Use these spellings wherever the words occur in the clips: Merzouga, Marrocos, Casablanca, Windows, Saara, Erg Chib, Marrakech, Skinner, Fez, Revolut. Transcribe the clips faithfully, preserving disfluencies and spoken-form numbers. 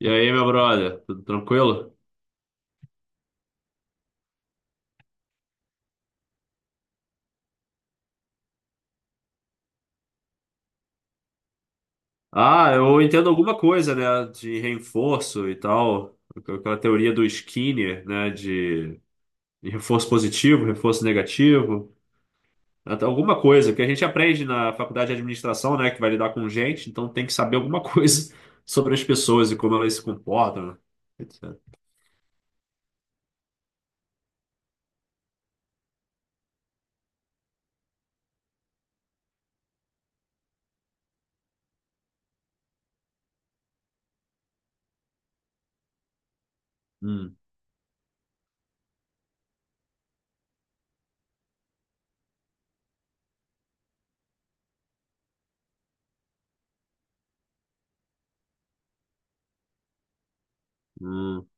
E aí, meu brother, tudo tranquilo? Ah, eu entendo alguma coisa, né, de reforço e tal, aquela teoria do Skinner, né, de de reforço positivo, reforço negativo, até alguma coisa que a gente aprende na faculdade de administração, né, que vai lidar com gente, então tem que saber alguma coisa sobre as pessoas e como elas se comportam, né, etcétera. Hum, hum.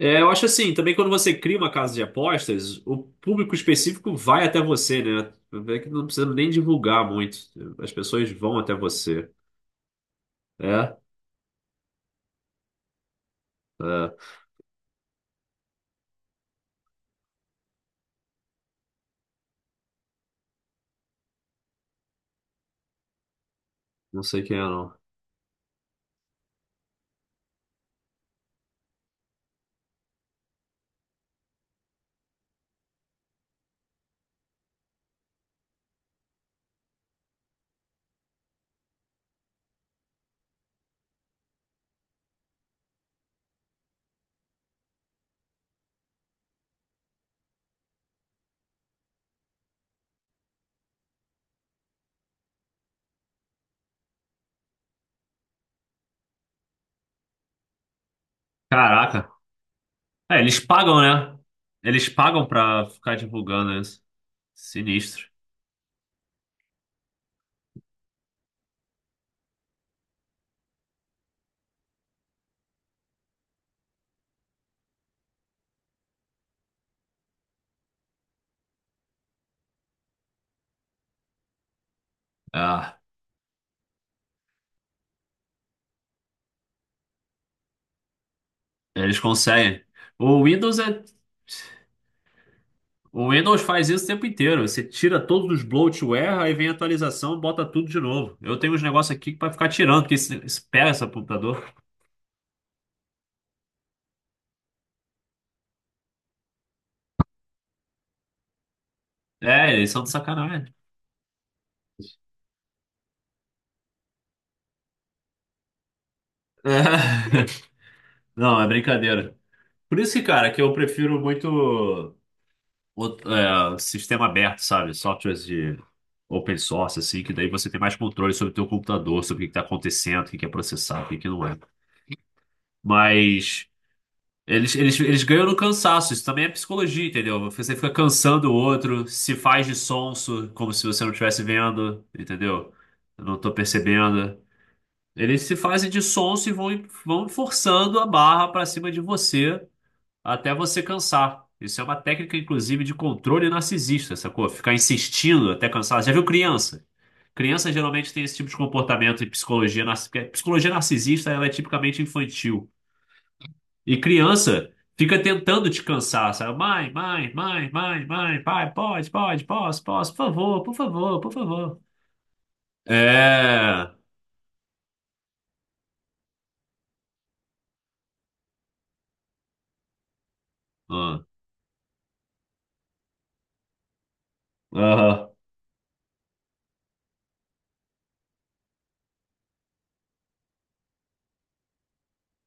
É, eu acho assim, também quando você cria uma casa de apostas, o público específico vai até você, né? É que não precisa nem divulgar muito. As pessoas vão até você. É, é, não sei quem é, não. Caraca. É, eles pagam, né? Eles pagam pra ficar divulgando isso. Sinistro. Ah, eles conseguem. O Windows é. O Windows faz isso o tempo inteiro. Você tira todos os bloatware, aí vem a atualização, bota tudo de novo. Eu tenho uns negócios aqui que vai ficar tirando, porque isso, isso pega essa computadora. É, eles são de sacanagem. Não, é brincadeira. Por isso que, cara, que eu prefiro muito o- é, sistema aberto, sabe? Softwares de open source, assim, que daí você tem mais controle sobre o teu computador, sobre o que está acontecendo, o que que é processado, o que que não é. Mas eles, eles, eles ganham no cansaço, isso também é psicologia, entendeu? Você fica cansando o outro, se faz de sonso, como se você não estivesse vendo, entendeu? Eu não tô percebendo. Eles se fazem de sonso e vão, vão forçando a barra para cima de você até você cansar. Isso é uma técnica, inclusive, de controle narcisista, sacou? Ficar insistindo até cansar. Já viu criança? Criança geralmente tem esse tipo de comportamento em psicologia narcisista. Psicologia narcisista, ela é tipicamente infantil. E criança fica tentando te cansar, sabe? Mãe, mãe, mãe, mãe, mãe, pai, pode, pode, posso, posso, por favor, por favor, por favor. É. Ah. Aham.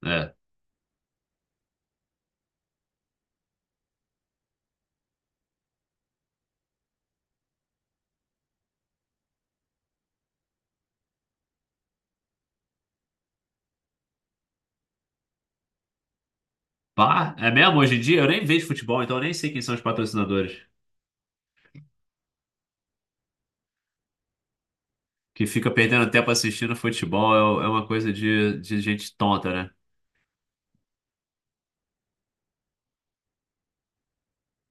É. Pá, é mesmo? Hoje em dia eu nem vejo futebol, então eu nem sei quem são os patrocinadores. Que fica perdendo tempo assistindo futebol é, é uma coisa de, de gente tonta, né?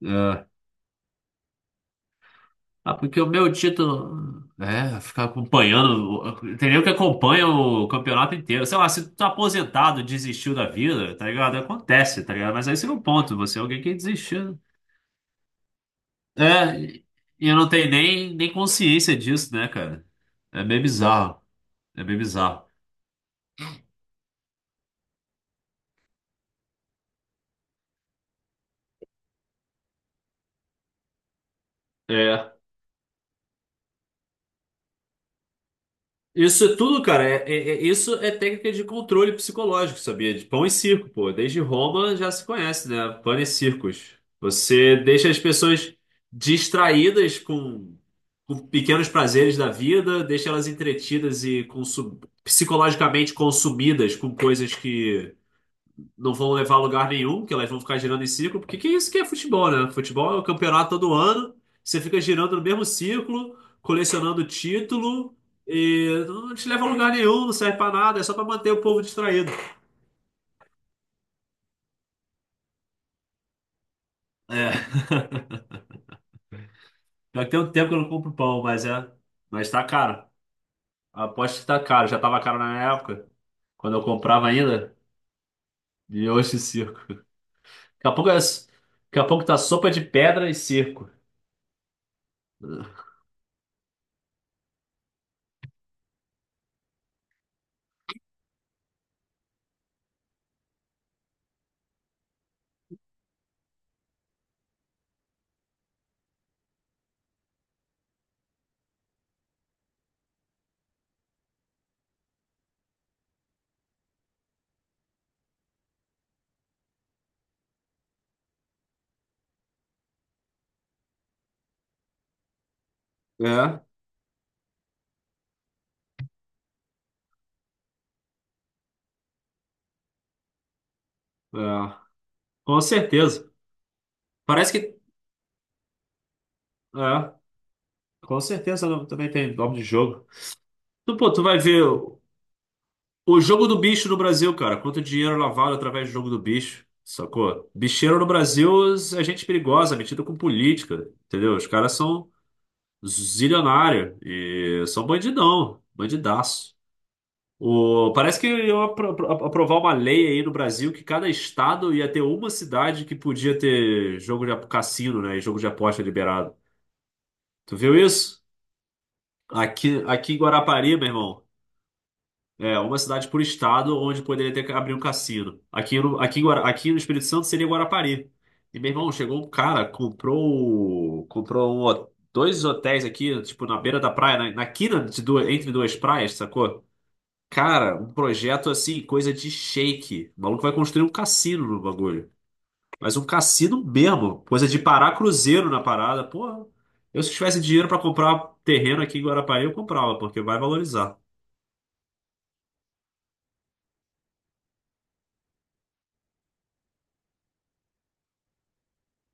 É. Ah, porque o meu título é ficar acompanhando. Tem nem que acompanha o campeonato inteiro. Sei lá, se tu tá aposentado, desistiu da vida, tá ligado? Acontece, tá ligado? Mas aí você não ponto, você é alguém que desistiu. É, e eu não tenho nem, nem consciência disso, né, cara? É meio bizarro. É meio bizarro. É. Isso é tudo, cara. É, é- é- isso é técnica de controle psicológico, sabia? De pão e circo, pô. Desde Roma já se conhece, né? Pão e circos. Você deixa as pessoas distraídas com, com pequenos prazeres da vida, deixa elas entretidas e consum- psicologicamente consumidas com coisas que não vão levar a lugar nenhum, porque elas vão ficar girando em círculo, porque que isso que é futebol, né? Futebol é o campeonato todo ano, você fica girando no mesmo círculo, colecionando título, e não te leva a lugar nenhum, não serve pra nada, é só pra manter o povo distraído. É. Já tem um tempo que eu não compro pão, mas é. Mas tá caro. Aposto que tá caro. Já tava caro na minha época, quando eu comprava ainda, e hoje circo. Daqui a pouco, é... Daqui a pouco tá sopa de pedra e circo. É, é. Com certeza. Parece que é, com certeza não- também tem nome de jogo. Tu, pô, tu vai ver o, o jogo do bicho no Brasil, cara. Quanto dinheiro lavado através do jogo do bicho, sacou? Bicheiro no Brasil é gente perigosa, metida com política, entendeu? Os caras são zilionários e são bandidão, bandidaço. O, parece que iam apro- apro- aprovar uma lei aí no Brasil que cada estado ia ter uma cidade que podia ter jogo de ap- cassino, né? E jogo de aposta liberado. Tu viu isso? Aqui, aqui em Guarapari, meu irmão. É, uma cidade por estado onde poderia ter que abrir um cassino. Aqui no, aqui, em Guara- aqui no Espírito Santo seria Guarapari. E meu irmão, chegou um cara, comprou, comprou um ho- dois hotéis aqui, tipo, na beira da praia, na, na quina de duas, entre duas praias, sacou? Cara, um projeto assim, coisa de shake. O maluco vai construir um cassino no bagulho. Mas um cassino mesmo, coisa de parar cruzeiro na parada. Porra, eu se tivesse dinheiro pra comprar terreno aqui em Guarapari, eu comprava, porque vai valorizar.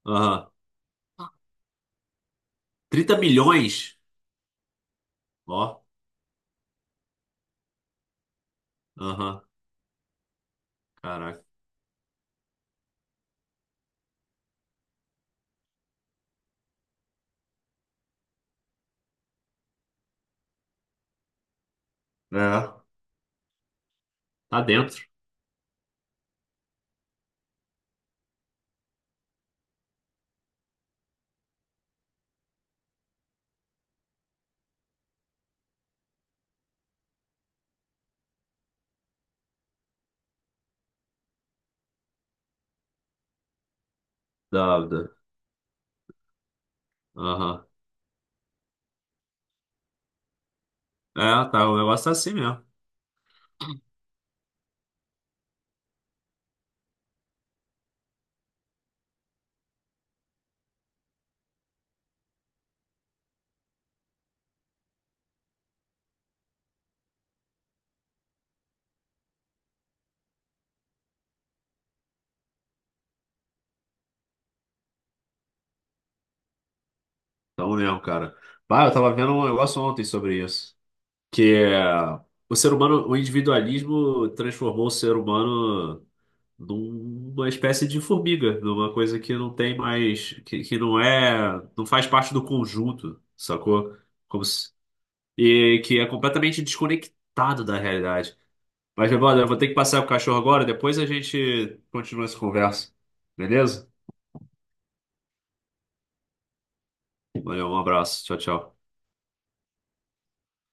Aham. trinta milhões? Ó, aham, caraca. É, tá dentro da, da- aham. É, tá, o negócio tá assim mesmo. Tá mesmo, cara. Bah, eu tava vendo um negócio ontem sobre isso. Que é, o ser humano, o individualismo transformou o ser humano numa espécie de formiga, numa coisa que não tem mais, que, que não é, não faz parte do conjunto, sacou? Como se- E que é completamente desconectado da realidade. Mas, meu brother, eu vou ter que passar o cachorro agora, depois a gente continua essa conversa. Beleza? Valeu, um abraço. Tchau, tchau.